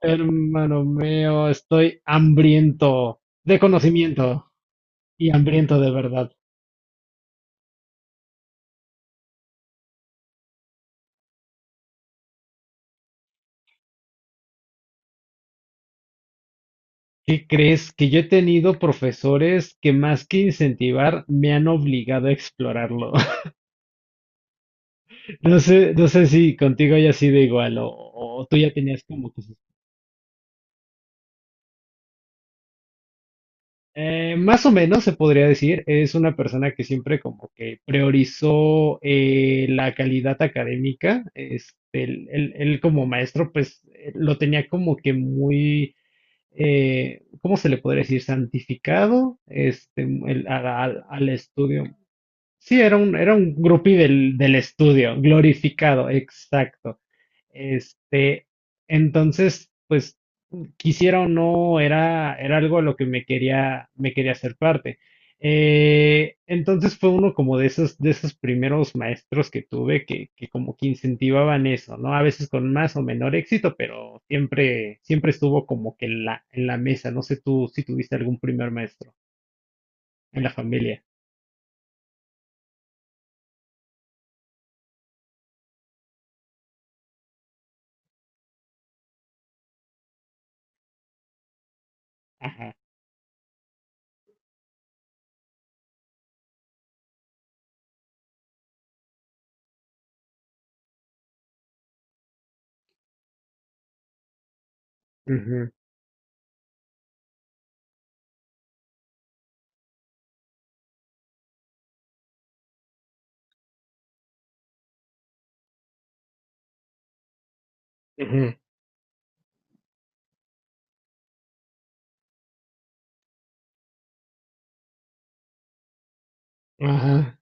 Hermano mío, estoy hambriento de conocimiento y hambriento de verdad. ¿Qué crees? Que yo he tenido profesores que más que incentivar me han obligado a explorarlo. No sé, no sé si contigo haya sido igual o tú ya tenías como que... sus- más o menos se podría decir, es una persona que siempre como que priorizó la calidad académica. Este, él como maestro pues lo tenía como que muy ¿cómo se le podría decir? Santificado este, al estudio. Sí, era un groupie del estudio, glorificado, exacto. Este, entonces, pues, quisiera o no, era algo a lo que me quería hacer parte. Entonces fue uno como de esos primeros maestros que tuve que como que incentivaban eso, ¿no? A veces con más o menor éxito, pero siempre, siempre estuvo como que en la mesa. No sé tú si tuviste algún primer maestro en la familia. Ajá. Ujú, ujú. Ajá,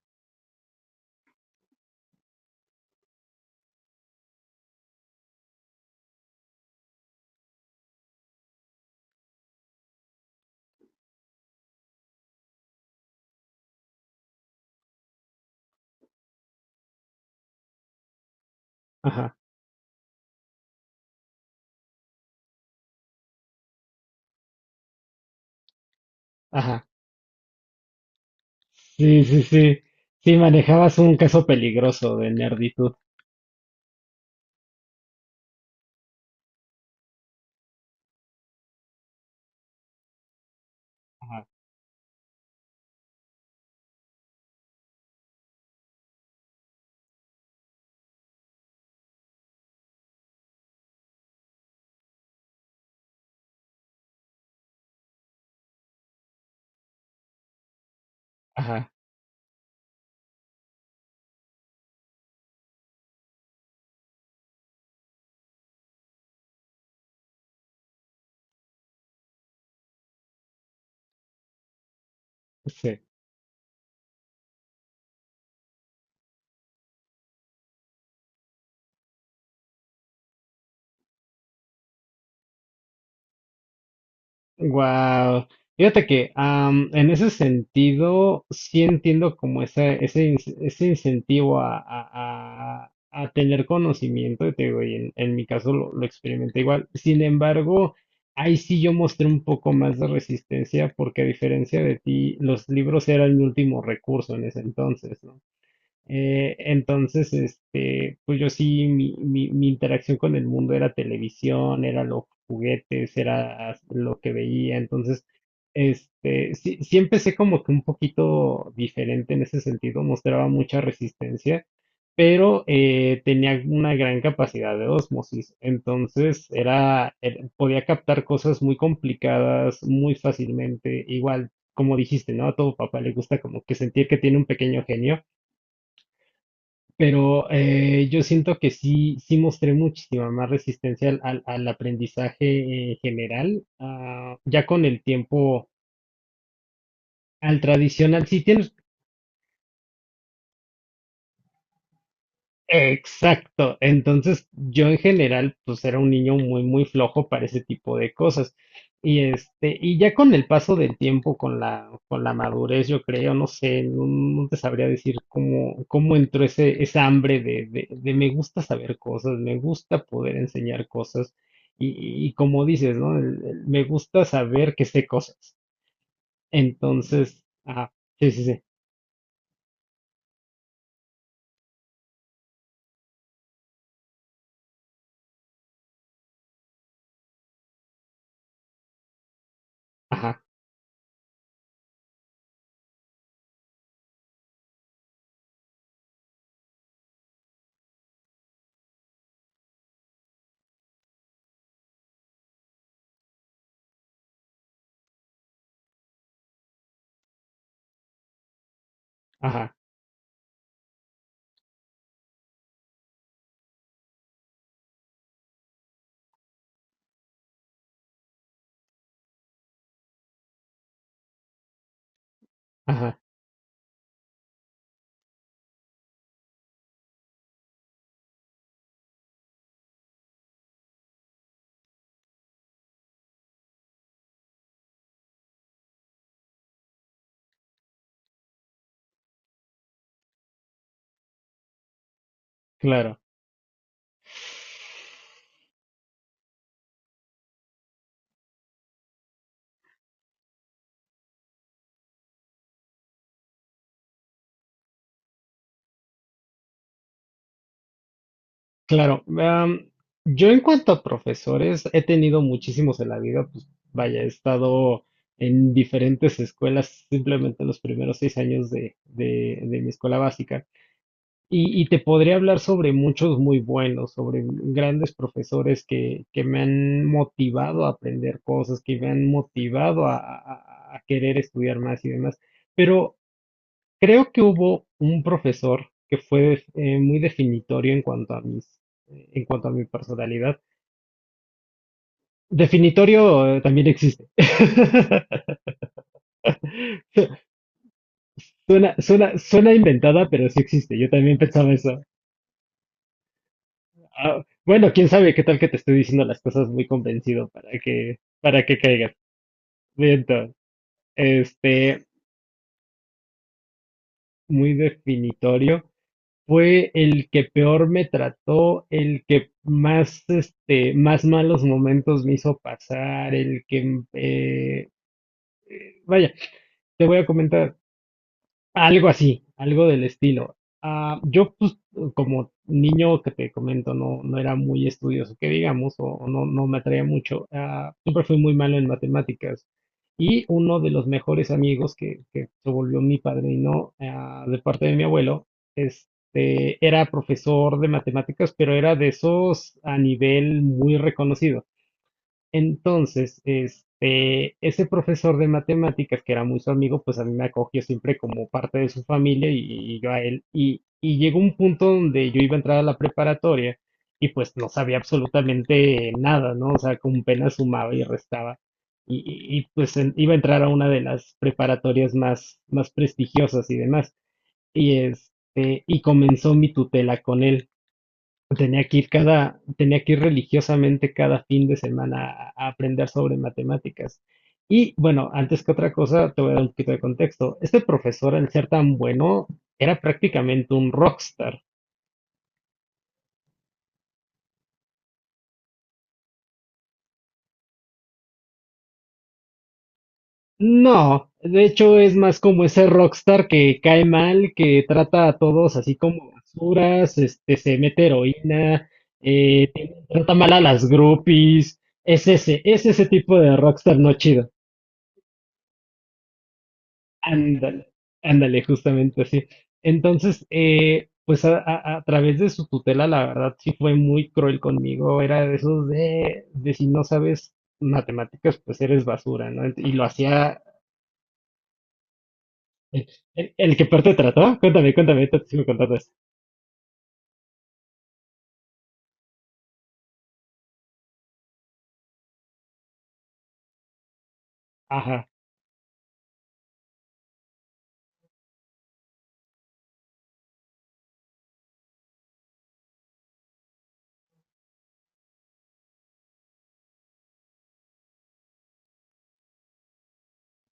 ajá, ajá. Sí, sí, sí. Sí, manejabas un caso peligroso de nerditud. Ajá, ajá, sí. Wow. Fíjate que en ese sentido sí entiendo como ese, ese incentivo a, a tener conocimiento, y te digo, y en mi caso lo experimenté igual. Sin embargo, ahí sí yo mostré un poco más de resistencia porque a diferencia de ti, los libros eran mi último recurso en ese entonces, ¿no? Entonces, este, pues yo sí, mi interacción con el mundo era televisión, era los juguetes, era lo que veía. Entonces, este, sí, sí empecé como que un poquito diferente en ese sentido, mostraba mucha resistencia, pero tenía una gran capacidad de osmosis. Entonces, podía captar cosas muy complicadas muy fácilmente. Igual, como dijiste, ¿no? A todo papá le gusta como que sentir que tiene un pequeño genio. Pero yo siento que sí, sí mostré muchísima más resistencia al, al aprendizaje en general, ya con el tiempo, al tradicional. Sí tienes. Exacto. Entonces, yo en general, pues era un niño muy, muy flojo para ese tipo de cosas. Y este, y ya con el paso del tiempo, con la madurez, yo creo, no sé, no, no te sabría decir cómo, cómo entró ese, esa hambre de me gusta saber cosas, me gusta poder enseñar cosas. Y como dices, ¿no? El me gusta saber que sé cosas. Entonces, ajá, sí, sí, sí. Ajá, ajá, ajá, claro. Claro, yo en cuanto a profesores, he tenido muchísimos en la vida, pues vaya, he estado en diferentes escuelas simplemente los primeros 6 años de, de mi escuela básica y te podría hablar sobre muchos muy buenos, sobre grandes profesores que me han motivado a aprender cosas, que me han motivado a, a querer estudiar más y demás, pero creo que hubo un profesor que fue muy definitorio en cuanto a mis, en cuanto a mi personalidad. Definitorio también existe. Suena, suena, suena inventada, pero sí existe. Yo también pensaba eso. Ah, bueno, quién sabe qué tal que te estoy diciendo las cosas muy convencido para que caigas. Bien, entonces, este, muy definitorio. Fue el que peor me trató, el que más, este, más malos momentos me hizo pasar, el que, vaya, te voy a comentar, algo así, algo del estilo. Ah, yo, pues, como niño que te comento, no, no era muy estudioso, que digamos, o no, no me atraía mucho. Ah, siempre fui muy malo en matemáticas. Y uno de los mejores amigos que se volvió mi padrino, ah, de parte de mi abuelo, este, era profesor de matemáticas, pero era de esos a nivel muy reconocido. Entonces, este, ese profesor de matemáticas, que era muy su amigo, pues a mí me acogió siempre como parte de su familia y yo a él. y llegó un punto donde yo iba a entrar a la preparatoria y pues no sabía absolutamente nada, ¿no? O sea, con pena sumaba y restaba. Y, pues en- iba a entrar a una de las preparatorias más, más prestigiosas y demás. Y este, y comenzó mi tutela con él. Tenía que ir cada, tenía que ir religiosamente cada fin de semana a aprender sobre matemáticas. Y bueno, antes que otra cosa, te voy a dar un poquito de contexto. Este profesor, al ser tan bueno, era prácticamente un rockstar. No, de hecho es más como ese rockstar que cae mal, que trata a todos así como basuras, este, se mete heroína, tiene- trata mal a las groupies. Es ese tipo de rockstar no chido. Ándale, ándale, justamente así. Entonces, pues a, a través de su tutela, la verdad sí fue muy cruel conmigo. Era de esos de si no sabes matemáticas, pues eres basura, ¿no? Ent- Y lo hacía el, el que peor te trató. Cuéntame, cuéntame, ahorita te sigo contando eso. Ajá,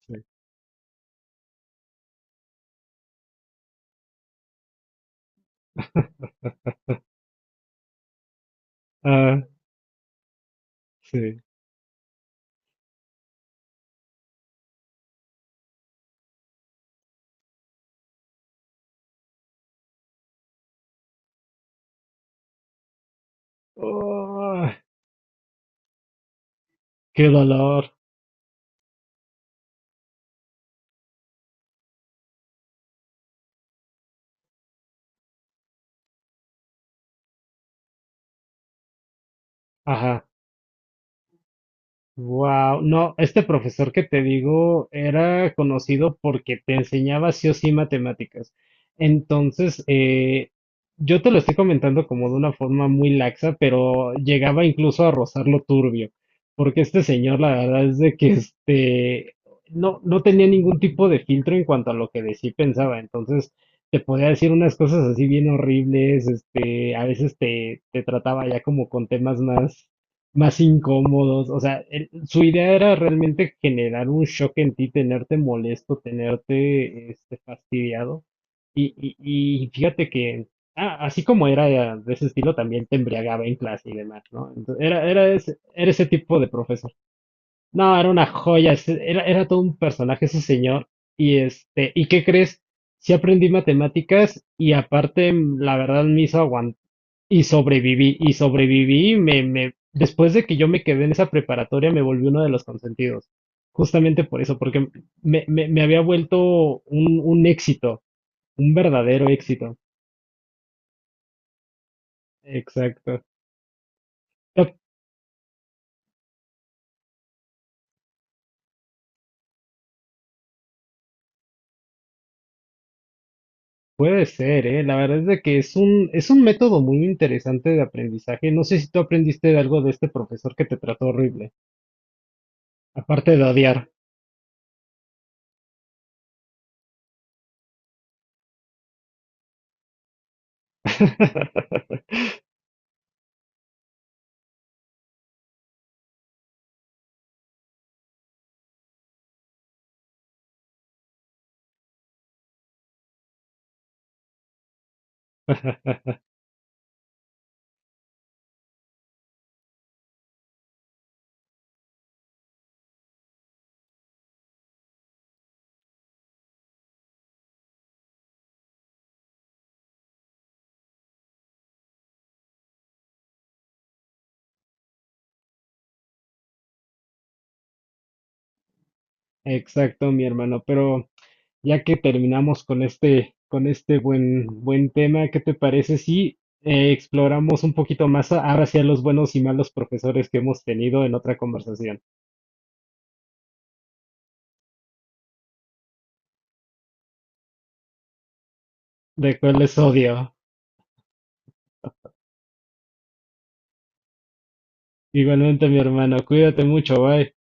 sí, ah, sí. Oh, qué dolor. Ajá. Wow, no, este profesor que te digo era conocido porque te enseñaba sí o sí matemáticas. Entonces, yo te lo estoy comentando como de una forma muy laxa, pero llegaba incluso a rozarlo turbio, porque este señor, la verdad es de que este no, no tenía ningún tipo de filtro en cuanto a lo que decía y pensaba. Entonces, te podía decir unas cosas así bien horribles, este, a veces te, te trataba ya como con temas más más incómodos. O sea, su idea era realmente generar un shock en ti, tenerte molesto, tenerte este, fastidiado. Y fíjate que, ah, así como era de ese estilo, también te embriagaba en clase y demás, ¿no? Entonces, era, era ese tipo de profesor. No, era una joya, era, era todo un personaje ese señor. Y este, ¿y qué crees? Sí aprendí matemáticas y aparte, la verdad, me hizo aguantar y sobreviví, y sobreviví, y me, después de que yo me quedé en esa preparatoria, me volví uno de los consentidos. Justamente por eso, porque me había vuelto un éxito, un verdadero éxito. Exacto. Ya puede ser, ¿eh? La verdad es de que es un método muy interesante de aprendizaje. No sé si tú aprendiste de algo de este profesor que te trató horrible, aparte de odiar. Exacto, mi hermano, pero ya que terminamos con este buen, buen tema, ¿qué te parece si exploramos un poquito más ahora hacia los buenos y malos profesores que hemos tenido en otra conversación? De cuál les odio. Igualmente, mi hermano, cuídate mucho, bye.